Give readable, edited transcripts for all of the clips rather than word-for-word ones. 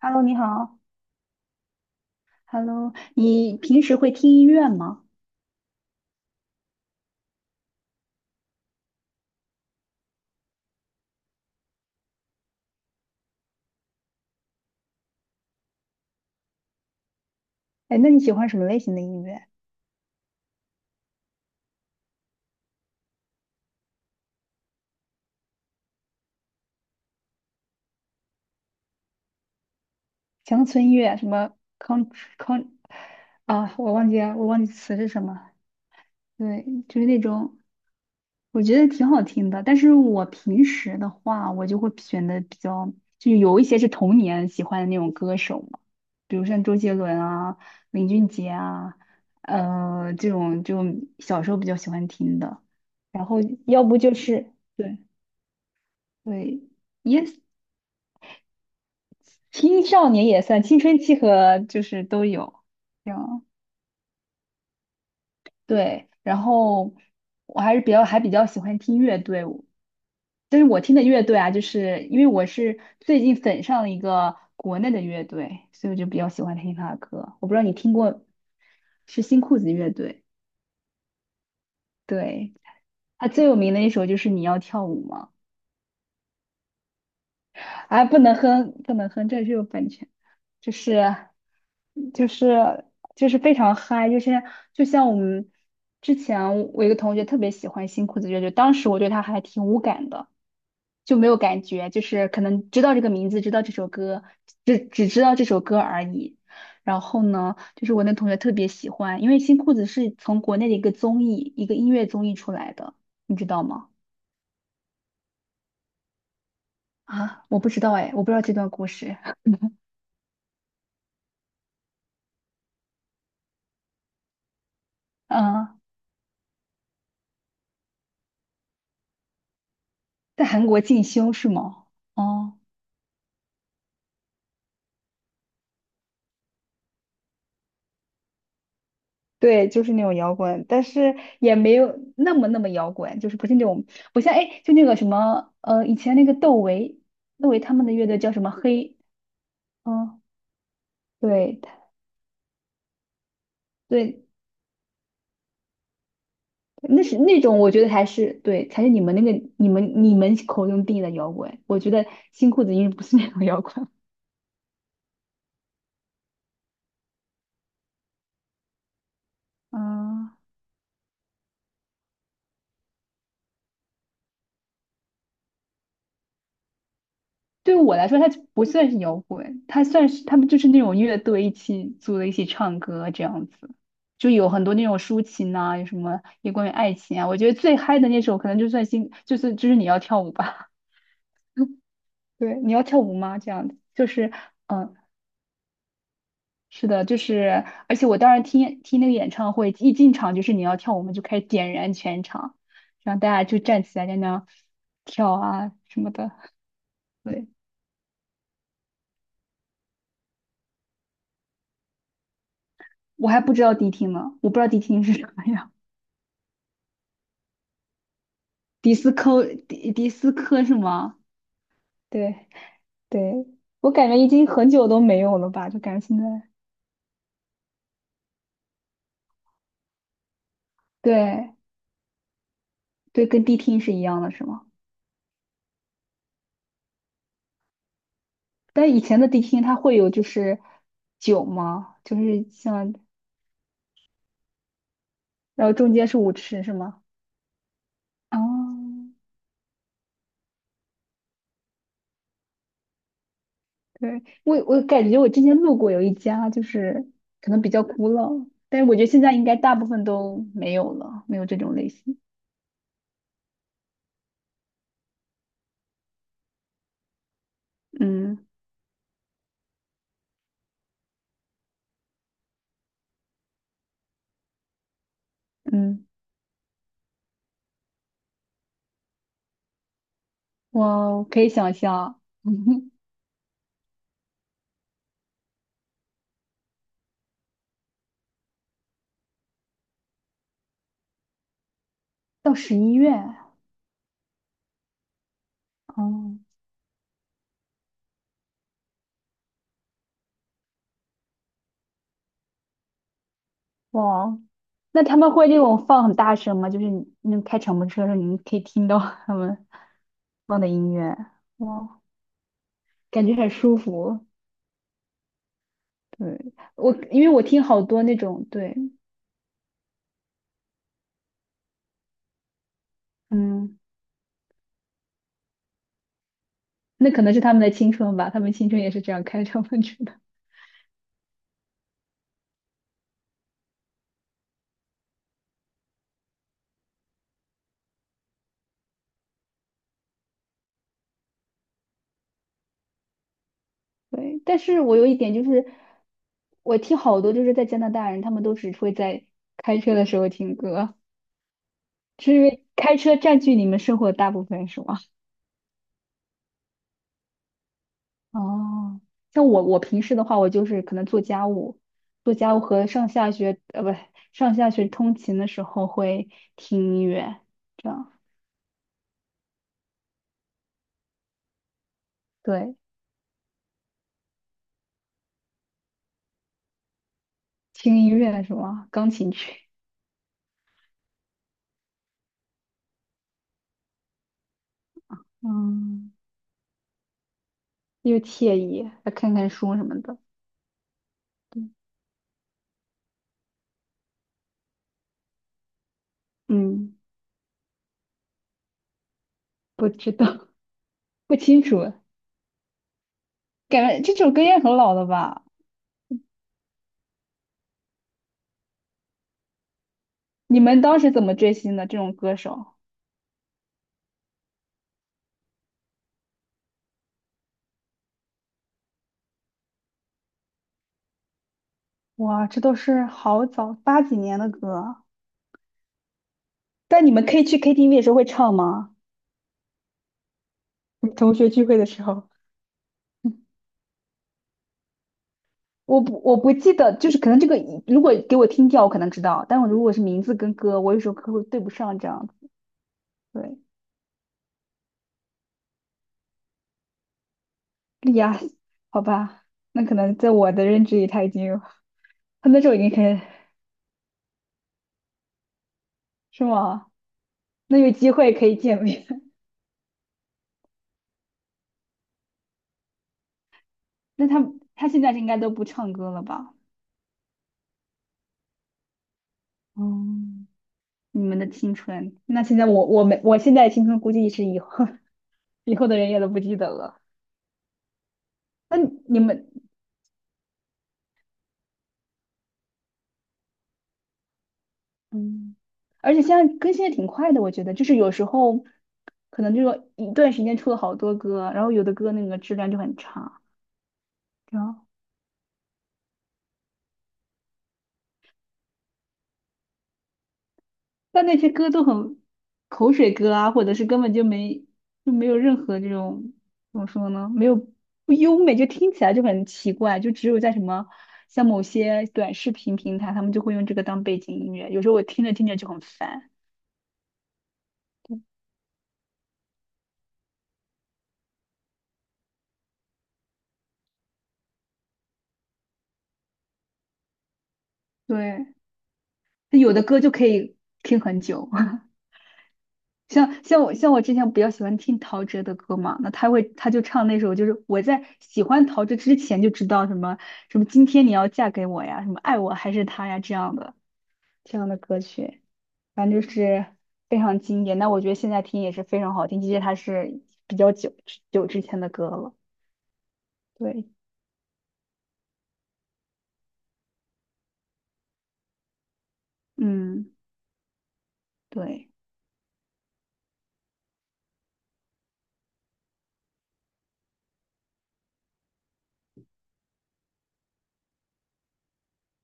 Hello，你好。Hello，你平时会听音乐吗？哎，那你喜欢什么类型的音乐？乡村音乐，什么 country 啊？我忘记了，我忘记词是什么。对，就是那种我觉得挺好听的。但是我平时的话，我就会选的比较，就有一些是童年喜欢的那种歌手嘛，比如像周杰伦啊、林俊杰啊，这种就小时候比较喜欢听的。然后要不就是对。对，也青少年也算，青春期和就是都有，这样对。然后我还是比较喜欢听乐队，但是我听的乐队啊，就是因为我是最近粉上了一个国内的乐队，所以我就比较喜欢听他的歌。我不知道你听过，是新裤子乐队，对，他最有名的一首就是《你要跳舞吗》。哎，不能哼，不能哼，这就是有版权，就是就是就是非常嗨，就是就像我们之前我一个同学特别喜欢新裤子乐队，当时我对他还挺无感的，就没有感觉，就是可能知道这个名字，知道这首歌，只知道这首歌而已。然后呢，就是我那同学特别喜欢，因为新裤子是从国内的一个综艺，一个音乐综艺出来的，你知道吗？啊，我不知道哎，我不知道这段故事，嗯。在韩国进修是吗？哦，对，就是那种摇滚，但是也没有那么那么摇滚，就是不是那种不像哎，就那个什么以前那个窦唯，窦唯他们的乐队叫什么黑，嗯，对，他对，那是那种我觉得还是对，才是你们那个你们你们口中定义的摇滚，我觉得新裤子音该不是那种摇滚，嗯，对，我来说，它就不算是摇滚，它算是他们就是那种乐队一起组的一起唱歌这样子，就有很多那种抒情啊，有什么也关于爱情啊。我觉得最嗨的那首可能就算心，就是你要跳舞吧，对，你要跳舞吗？这样子就是嗯，是的，就是而且我当时听那个演唱会，一进场就是你要跳舞我们就开始点燃全场，让大家就站起来在那跳啊什么的。对，我还不知道迪厅呢，我不知道迪厅是什么样。迪斯科是吗？对对，我感觉已经很久都没有了吧，就感觉现在对对，跟迪厅是一样的，是吗？但以前的迪厅它会有就是酒吗？就是像，然后中间是舞池是吗？啊，对，我感觉我之前路过有一家，就是可能比较古老，但是我觉得现在应该大部分都没有了，没有这种类型。嗯嗯，我可以想象，到十一月。哦，哇，那他们会那种放很大声吗？就是你那开敞篷车的时候，你们可以听到他们放的音乐，哇，感觉很舒服。对，我因为我听好多那种，对，嗯，那可能是他们的青春吧，他们青春也是这样开敞篷车的。对，但是我有一点就是，我听好多就是在加拿大人，他们都只会在开车的时候听歌，是因为开车占据你们生活的大部分，是吗？哦，像我平时的话，我就是可能做家务，做家务和上下学，不，上下学通勤的时候会听音乐，这样对，听音乐什么钢琴曲，嗯，又惬意，还看看书什么的，对，嗯，不知道 不清楚，感觉这首歌也很老了吧？你们当时怎么追星的这种歌手？哇，这都是好早八几年的歌，但你们可以去 KTV 的时候会唱吗？你同学聚会的时候，我不记得，就是可能这个如果给我听调，我可能知道，但我如果是名字跟歌，我有时候可能会对不上这样子。对，莉亚，好吧，那可能在我的认知里，他已经有，他那时候已经开始，是吗？那有机会可以见面。那他现在应该都不唱歌了吧？嗯，你们的青春，那现在我现在的青春估计是以后 以后的人也都不记得了。那你们嗯，而且现在更新的挺快的，我觉得就是有时候可能这说一段时间出了好多歌，然后有的歌那个质量就很差，然后但那些歌都很口水歌啊，或者是根本就没有任何这种怎么说呢，没有不优美，就听起来就很奇怪，就只有在什么像某些短视频平台，他们就会用这个当背景音乐，有时候我听着听着就很烦。对，有的歌就可以听很久。像我之前比较喜欢听陶喆的歌嘛，那他就唱那首，就是我在喜欢陶喆之前就知道什么什么今天你要嫁给我呀，什么爱我还是他呀这样的歌曲，反正就是非常经典。那我觉得现在听也是非常好听，即使它是比较久久之前的歌了。对，嗯，对。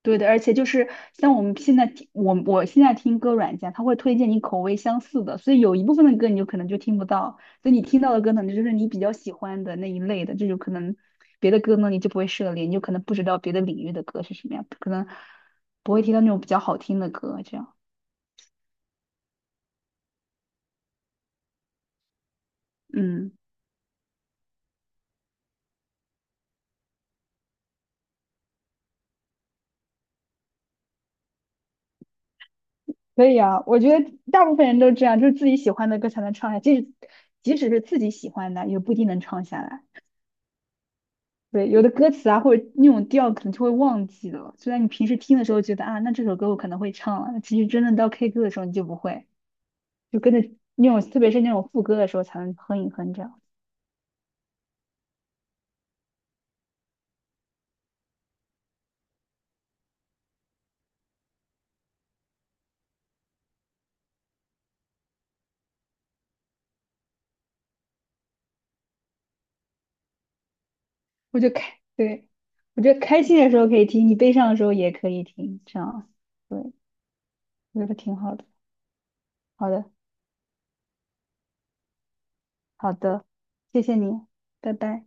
对的，而且就是像我们现在听，我现在听歌软件，它会推荐你口味相似的，所以有一部分的歌你就可能就听不到，所以你听到的歌可能就是你比较喜欢的那一类的，这就可能别的歌呢你就不会涉猎，你就可能不知道别的领域的歌是什么样，可能不会听到那种比较好听的歌，这样，嗯，可以啊，我觉得大部分人都这样，就是自己喜欢的歌才能唱下，即使是自己喜欢的，也不一定能唱下来。对，有的歌词啊，或者那种调可能就会忘记了。虽然你平时听的时候觉得啊，那这首歌我可能会唱了，其实真的到 K 歌的时候你就不会，就跟着那种，特别是那种副歌的时候才能哼一哼这样。我就开，对，我觉得开心的时候可以听，你悲伤的时候也可以听，这样，对，我觉得挺好的。好的，好的，谢谢你，拜拜。